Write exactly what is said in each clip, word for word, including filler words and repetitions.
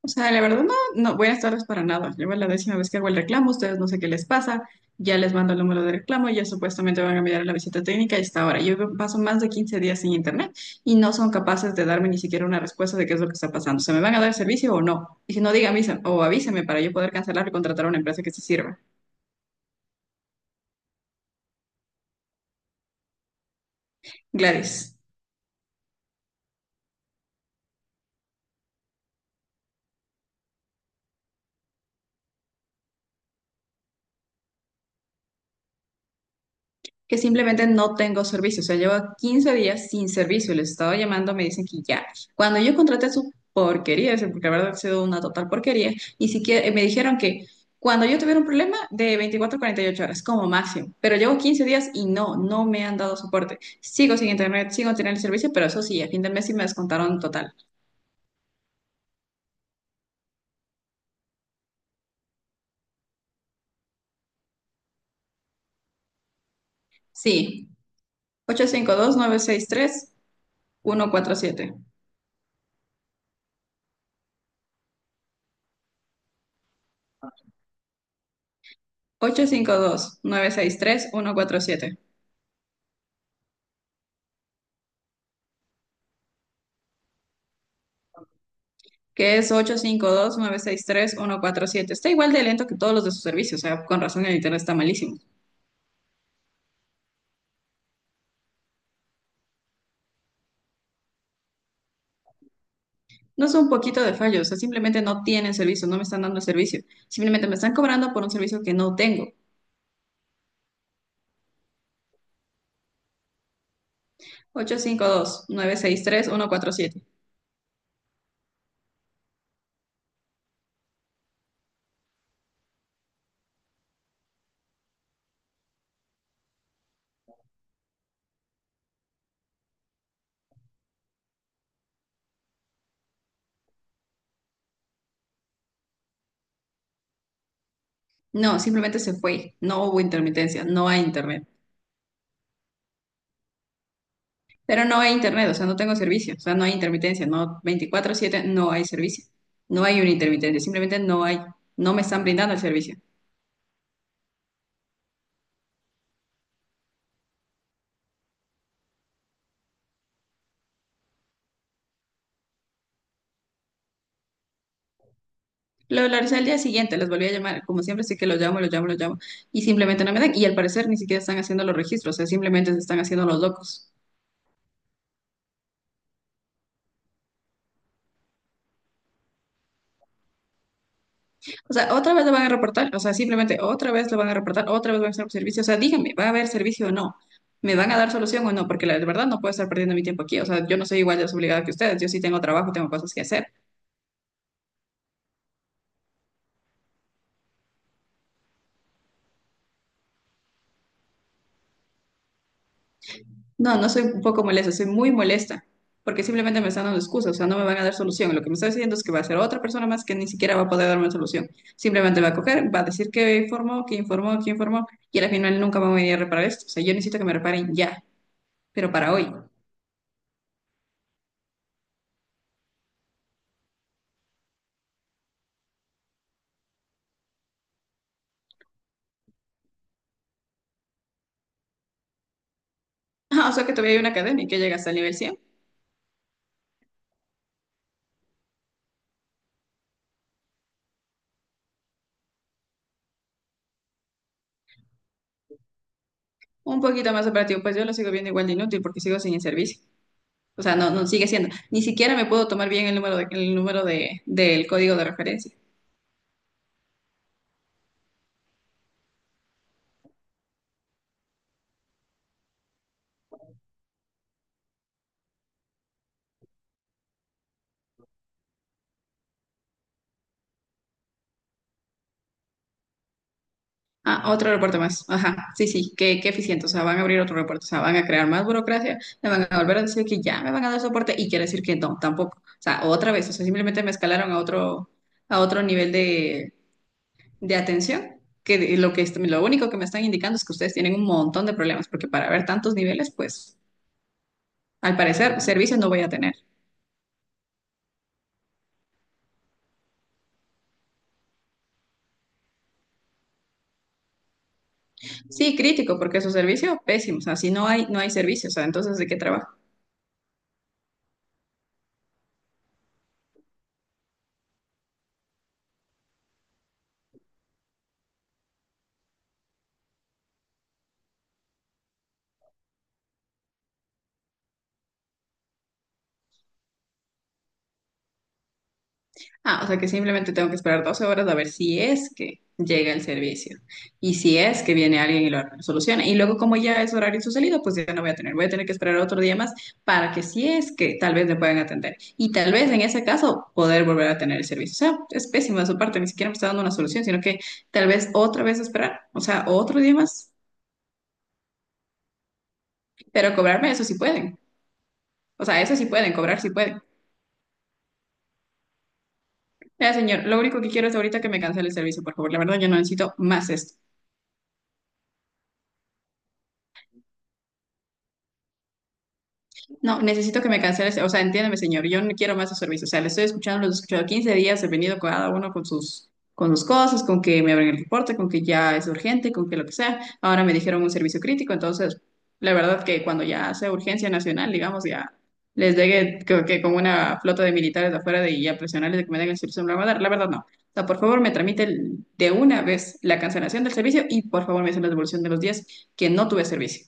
O sea, la verdad no, no, buenas tardes para nada. Lleva la décima vez que hago el reclamo, ustedes no sé qué les pasa, ya les mando el número de reclamo, ya supuestamente van a enviar la visita técnica y está ahora. Yo paso más de quince días sin internet y no son capaces de darme ni siquiera una respuesta de qué es lo que está pasando. ¿Se me van a dar servicio o no? Y si no, dígame o avísame para yo poder cancelar y contratar a una empresa que se sirva. Gladys. Que simplemente no tengo servicio. O sea, llevo quince días sin servicio. Les estaba llamando, me dicen que ya. Cuando yo contraté su porquería, ese- porque la verdad ha sido una total porquería, ni siquiera eh, me dijeron que cuando yo tuviera un problema de veinticuatro a cuarenta y ocho horas como máximo. Pero llevo quince días y no, no me han dado soporte. Sigo sin internet, sigo sin tener el servicio, pero eso sí, a fin de mes sí me descontaron total. Sí, ocho ocho cinco cinco dos dos nueve seis tres uno cuatro siete ocho cinco dos nueve seis tres uno cuatro siete, que es ocho cinco dos, nueve seis tres-uno cuatro siete. Está igual de lento que todos los de su servicio, o sea, con razón el internet está malísimo. No es un poquito de fallo, o sea, simplemente no tienen servicio, no me están dando el servicio. Simplemente me están cobrando por un servicio que no tengo. ocho cinco dos, nueve seis tres-uno cuatro siete. No, simplemente se fue. No hubo intermitencia, no hay internet. Pero no hay internet, o sea, no tengo servicio, o sea, no hay intermitencia, no veinticuatro siete, no hay servicio. No hay una intermitencia, simplemente no hay, no me están brindando el servicio. Lo, lo al día siguiente, les volví a llamar, como siempre, sí que los llamo, los llamo, los llamo, y simplemente no me dan, y al parecer ni siquiera están haciendo los registros, o sea, simplemente se están haciendo los locos. O sea, otra vez lo van a reportar, o sea, simplemente otra vez lo van a reportar, otra vez van a hacer servicio, o sea, díganme, ¿va a haber servicio o no? ¿Me van a dar solución o no? Porque la verdad no puedo estar perdiendo mi tiempo aquí, o sea, yo no soy igual de desobligada que ustedes, yo sí tengo trabajo, tengo cosas que hacer. No, no soy un poco molesta, soy muy molesta, porque simplemente me están dando excusas, o sea, no me van a dar solución. Lo que me está diciendo es que va a ser otra persona más que ni siquiera va a poder darme solución. Simplemente va a coger, va a decir que informó, que informó, que informó, y al final nunca van a venir a reparar esto. O sea, yo necesito que me reparen ya, pero para hoy. Ah, o sea, que todavía hay una cadena y que llega hasta el nivel cien. Un poquito más operativo, pues yo lo sigo viendo igual de inútil porque sigo sin el servicio. O sea, no, no sigue siendo. Ni siquiera me puedo tomar bien el número de- el número de, del código de referencia. Ah, otro aeropuerto más. Ajá, sí, sí, qué, qué eficiente. O sea, van a abrir otro aeropuerto, o sea, van a crear más burocracia, me van a volver a decir que ya me van a dar soporte y quiere decir que no, tampoco. O sea, otra vez, o sea, simplemente me escalaron a otro, a otro nivel de, de atención, que de- lo que, est- lo único que me están indicando es que ustedes tienen un montón de problemas, porque para ver tantos niveles, pues, al parecer, servicio no voy a tener. Sí, crítico, porque su servicio, pésimo. O sea, si no hay, no hay servicio, o sea, entonces, ¿de qué trabajo? Ah, o sea que simplemente tengo que esperar doce horas a ver si es que llega el servicio y si es que viene alguien y lo soluciona. Y luego como ya es horario su salido, pues ya no voy a tener, voy a tener que esperar otro día más para que si es que tal vez me puedan atender. Y tal vez en ese caso poder volver a tener el servicio. O sea, es pésimo de su parte, ni siquiera me está dando una solución, sino que tal vez otra vez esperar, o sea, otro día más, pero cobrarme eso sí pueden. O sea, eso sí pueden, cobrar sí pueden. Ya, señor, lo único que quiero es ahorita que me cancele el servicio, por favor. La verdad, yo no necesito más esto. No, necesito que me canceles, o sea, entiéndeme, señor, yo no quiero más su servicio, o sea, le estoy escuchando, los he escuchado quince días, he venido cada uno con sus, con sus, cosas, con que me abren el reporte, con que ya es urgente, con que lo que sea, ahora me dijeron un servicio crítico, entonces, la verdad que cuando ya sea urgencia nacional, digamos, ya les llegue creo que con una flota de militares de afuera de, y a presionarles de que me den el servicio, me lo van a dar, la verdad no. O sea, por favor, me tramite el- de una vez la cancelación del servicio y por favor me hacen la devolución de los días que no tuve servicio.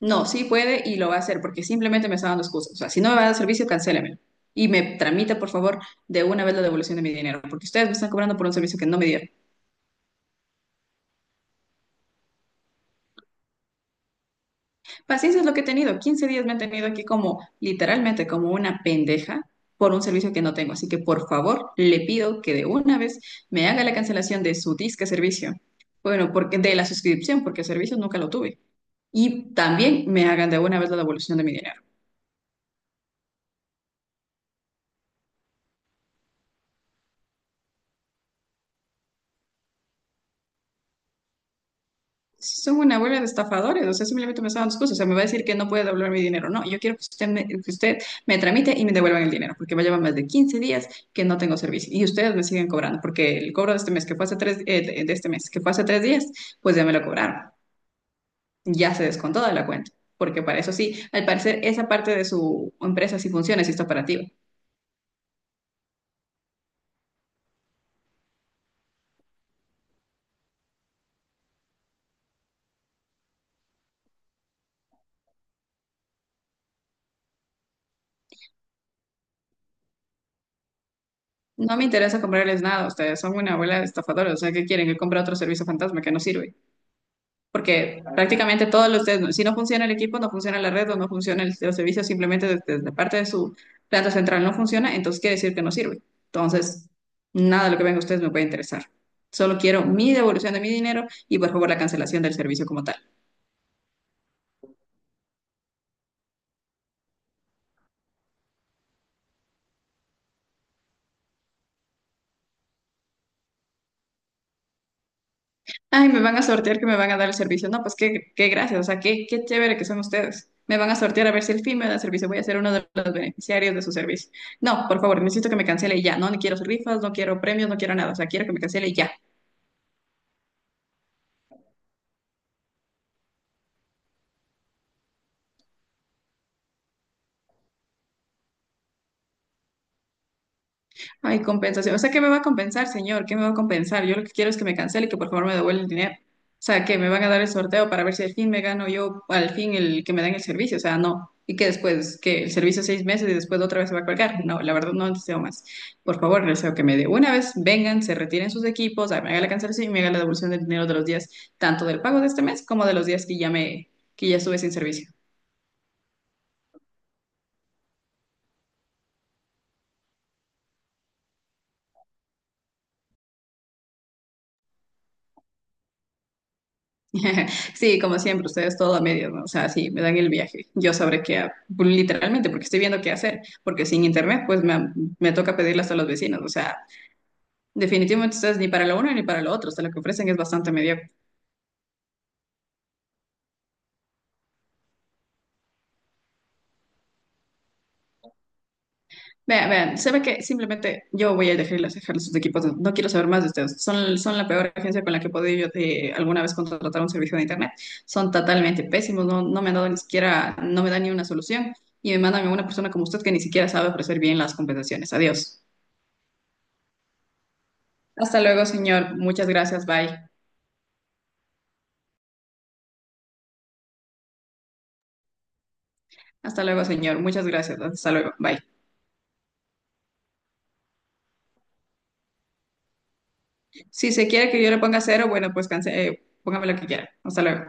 No, sí puede y lo va a hacer porque simplemente me está dando excusas. O sea, si no me va a dar servicio, cancélemelo. Y me tramita, por favor, de una vez la devolución de mi dinero, porque ustedes me están cobrando por un servicio que no me dieron. Paciencia es lo que he tenido. Quince días me han tenido aquí como, literalmente, como una pendeja por un servicio que no tengo. Así que, por favor, le pido que de una vez me haga la cancelación de su disque servicio. Bueno, porque de la suscripción, porque el servicio nunca lo tuve. Y también me hagan de una vez la devolución de mi dinero. Son una bola de estafadores, o sea, simplemente me están dando excusas, o sea, me va a decir que no puede devolver mi dinero, no, yo quiero que usted me, que usted me, tramite y me devuelvan el dinero, porque va a llevar más de quince días que no tengo servicio, y ustedes me siguen cobrando, porque el cobro de este mes, que fue hace tres, eh, de de este mes, que fue hace tres días, pues ya me lo cobraron, ya se descontó de la cuenta, porque para eso sí, al parecer esa parte de su empresa sí funciona, sí está operativa. No me interesa comprarles nada, ustedes son una bola de estafadores, o sea, ¿qué quieren? Que compre otro servicio fantasma que no sirve. Porque prácticamente todos los, si no funciona el equipo, no funciona la red o no funciona el, los servicios, simplemente desde, la parte de su planta central no funciona, entonces quiere decir que no sirve. Entonces, nada de lo que venga a ustedes me puede interesar. Solo quiero mi devolución de mi dinero y por favor la cancelación del servicio como tal. Ay, me van a sortear que me van a dar el servicio. No, pues qué, qué, gracias, o sea, qué, qué chévere que son ustedes. Me van a sortear a ver si el fin me da el servicio. Voy a ser uno de los beneficiarios de su servicio. No, por favor, necesito que me cancele ya. No, no quiero rifas, no quiero premios, no quiero nada. O sea, quiero que me cancele ya. Ay, compensación. O sea, ¿qué me va a compensar, señor? ¿Qué me va a compensar? Yo lo que quiero es que me cancele y que por favor me devuelva el dinero. O sea, que me van a dar el sorteo para ver si al fin me gano yo, al fin el que me den el servicio. O sea, no. Y que después, que el servicio seis meses y después otra vez se va a colgar. No, la verdad no deseo más. Por favor, deseo que me dé una vez, vengan, se retiren sus equipos, me haga la cancelación y me haga la devolución del dinero de los días, tanto del pago de este mes como de los días que ya me, que ya estuve sin servicio. Sí, como siempre, ustedes todo a medias, ¿no? O sea, sí, me dan el viaje. Yo sabré qué, ha- pues, literalmente, porque estoy viendo qué hacer, porque sin internet, pues me, me toca pedirlas a los vecinos. O sea, definitivamente ustedes ni para lo uno ni para lo otro, o sea, lo que ofrecen es bastante mediocre. Vean, vean, se ve que simplemente yo voy a dejarles, dejarles sus equipos, no no quiero saber más de ustedes. Son, son la peor agencia con la que he podido yo, eh, alguna vez contratar un servicio de internet. Son totalmente pésimos, no, no me han dado ni siquiera, no me dan ni una solución. Y me mandan a una persona como usted que ni siquiera sabe ofrecer bien las compensaciones. Adiós. Hasta luego, señor. Muchas gracias. Bye. Hasta luego, señor. Muchas gracias. Hasta luego. Bye. Si se quiere que yo le ponga cero, bueno, pues canse, eh, póngame lo que quiera. Hasta luego.